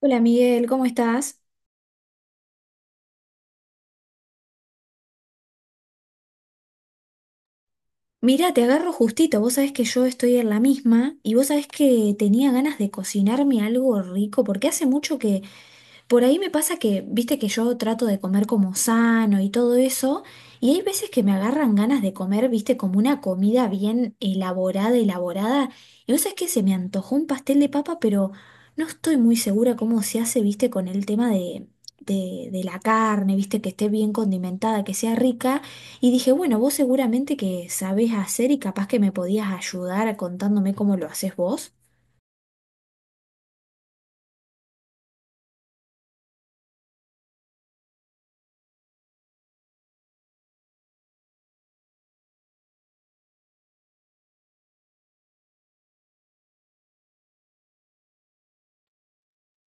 Hola, Miguel, ¿cómo estás? Mira, te agarro justito, vos sabés que yo estoy en la misma y vos sabés que tenía ganas de cocinarme algo rico porque hace mucho que... Por ahí me pasa que, viste que yo trato de comer como sano y todo eso, y hay veces que me agarran ganas de comer, viste, como una comida bien elaborada, elaborada, y vos sabés que se me antojó un pastel de papa, pero no estoy muy segura cómo se hace, viste, con el tema de la carne, viste, que esté bien condimentada, que sea rica, y dije, bueno, vos seguramente que sabés hacer y capaz que me podías ayudar contándome cómo lo haces vos.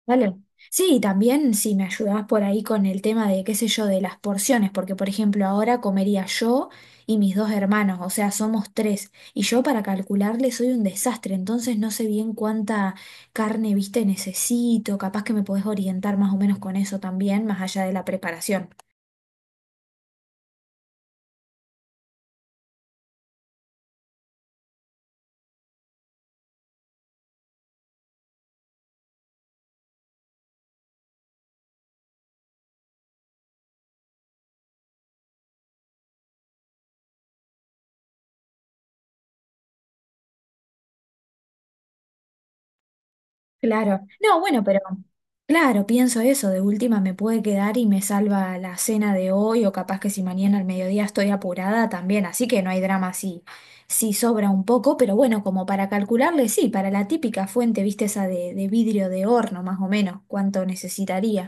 Vale. Sí, y también si me ayudás por ahí con el tema de, qué sé yo, de las porciones, porque por ejemplo ahora comería yo y mis dos hermanos, o sea, somos tres, y yo para calcularle soy un desastre, entonces no sé bien cuánta carne, viste, necesito, capaz que me podés orientar más o menos con eso también, más allá de la preparación. Claro. No, bueno, pero claro, pienso eso, de última me puede quedar y me salva la cena de hoy o capaz que si mañana al mediodía estoy apurada también, así que no hay drama si, si sobra un poco, pero bueno, como para calcularle, sí, para la típica fuente, viste esa de vidrio de horno más o menos, cuánto necesitaría.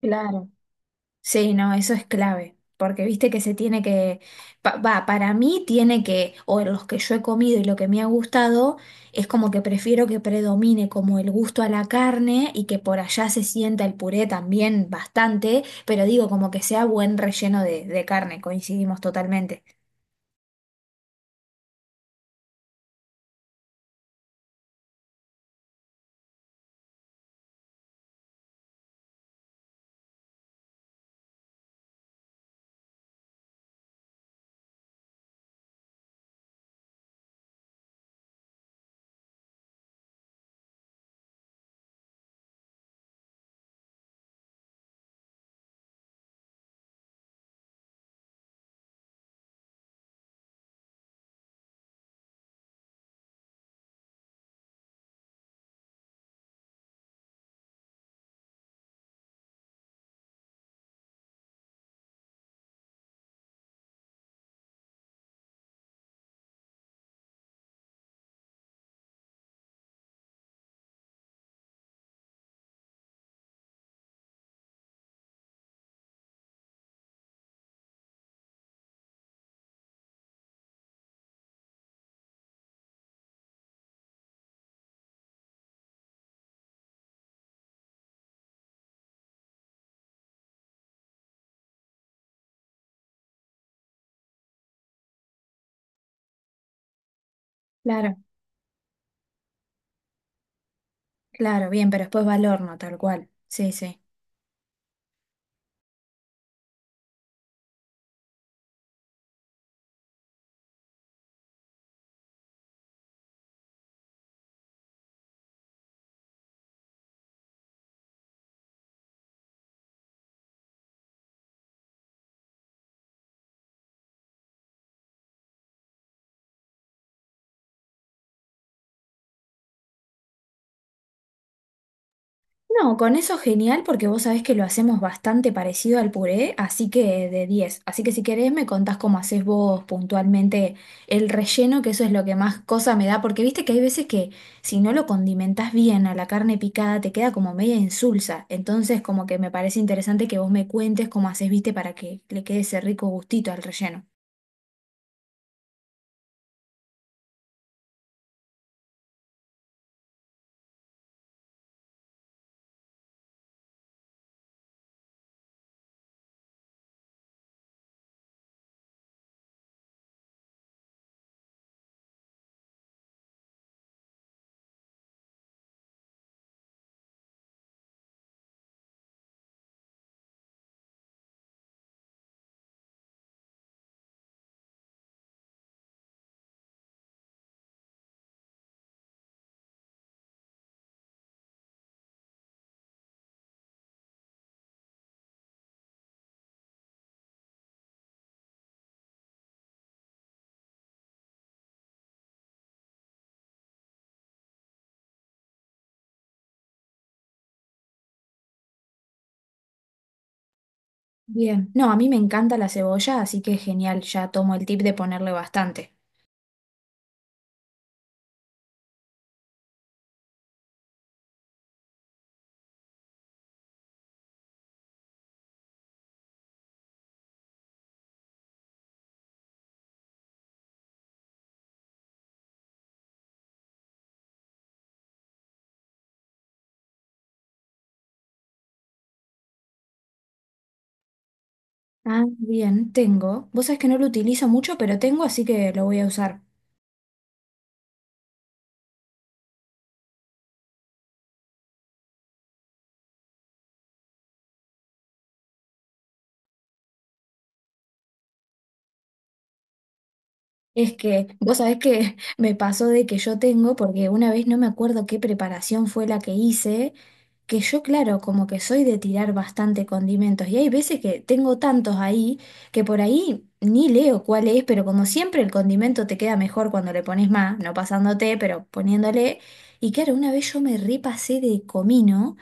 Claro. Sí, no, eso es clave, porque viste que se tiene que, va, para mí tiene que, o los que yo he comido y lo que me ha gustado, es como que prefiero que predomine como el gusto a la carne y que por allá se sienta el puré también bastante, pero digo como que sea buen relleno de carne, coincidimos totalmente. Claro, claro, bien, pero después va al horno, tal cual. Sí, sí. No, con eso genial porque vos sabés que lo hacemos bastante parecido al puré, así que de 10. Así que si querés me contás cómo hacés vos puntualmente el relleno, que eso es lo que más cosa me da, porque viste que hay veces que si no lo condimentás bien a la carne picada te queda como media insulsa. Entonces como que me parece interesante que vos me cuentes cómo hacés, viste, para que le quede ese rico gustito al relleno. Bien. No, a mí me encanta la cebolla, así que genial, ya tomo el tip de ponerle bastante. Ah, bien, tengo. Vos sabés que no lo utilizo mucho, pero tengo, así que lo voy a usar. Es que vos sabés que me pasó de que yo tengo, porque una vez no me acuerdo qué preparación fue la que hice, que yo, claro, como que soy de tirar bastante condimentos y hay veces que tengo tantos ahí que por ahí ni leo cuál es, pero como siempre el condimento te queda mejor cuando le pones más, no pasándote, pero poniéndole. Y claro, una vez yo me repasé de comino.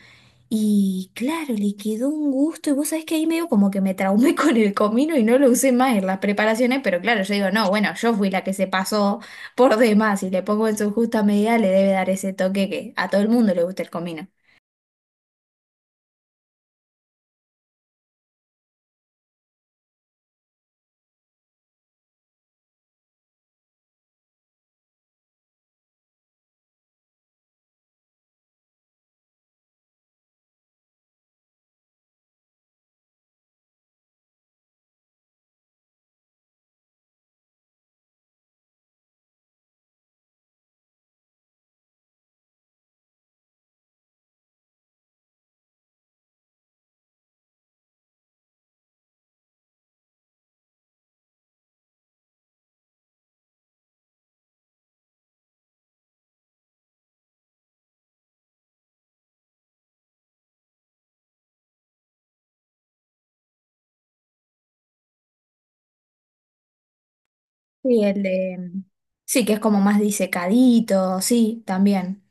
Y claro, le quedó un gusto y vos sabés que ahí medio como que me traumé con el comino y no lo usé más en las preparaciones, pero claro, yo digo, no, bueno, yo fui la que se pasó por demás y le pongo en su justa medida, le debe dar ese toque que a todo el mundo le gusta el comino. Sí, el de... sí, que es como más disecadito, sí, también.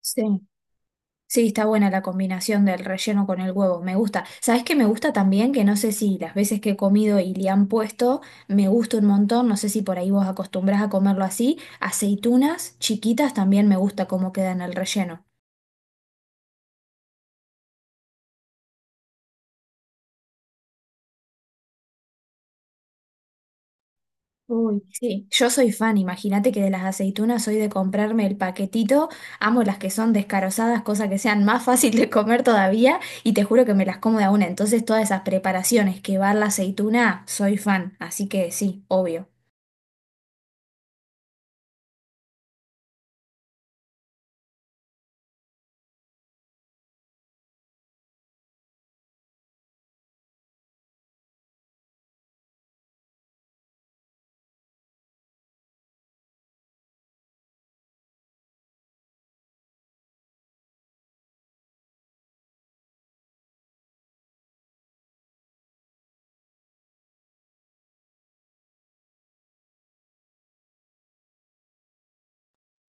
Sí. Sí, está buena la combinación del relleno con el huevo, me gusta. ¿Sabes qué me gusta también? Que no sé si las veces que he comido y le han puesto, me gusta un montón, no sé si por ahí vos acostumbrás a comerlo así, aceitunas chiquitas también me gusta cómo queda en el relleno. Uy, sí, yo soy fan, imagínate que de las aceitunas soy de comprarme el paquetito, amo las que son descarozadas, cosa que sean más fácil de comer todavía, y te juro que me las como de a una, entonces todas esas preparaciones que va la aceituna, soy fan, así que sí, obvio.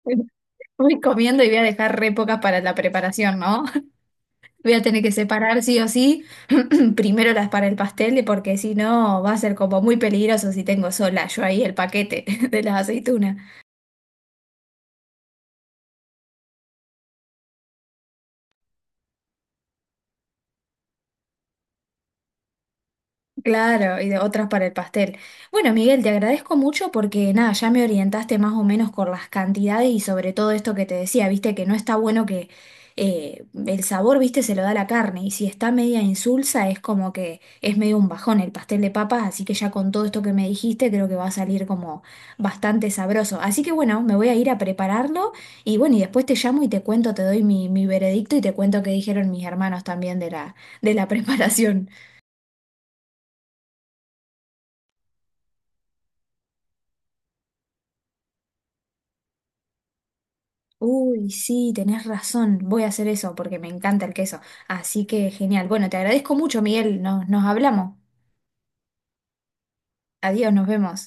Voy comiendo y voy a dejar re pocas para la preparación, ¿no? Voy a tener que separar sí o sí, primero las para el pastel, porque si no va a ser como muy peligroso si tengo sola yo ahí el paquete de las aceitunas. Claro, y de otras para el pastel. Bueno, Miguel, te agradezco mucho porque nada, ya me orientaste más o menos con las cantidades y sobre todo esto que te decía, viste que no está bueno que el sabor, viste, se lo da la carne y si está media insulsa es como que es medio un bajón el pastel de papas, así que ya con todo esto que me dijiste creo que va a salir como bastante sabroso. Así que bueno, me voy a ir a prepararlo y bueno, y después te llamo y te cuento, te doy mi, mi veredicto y te cuento qué dijeron mis hermanos también de la preparación. Uy, sí, tenés razón. Voy a hacer eso porque me encanta el queso. Así que genial. Bueno, te agradezco mucho, Miguel. Nos, nos hablamos. Adiós, nos vemos.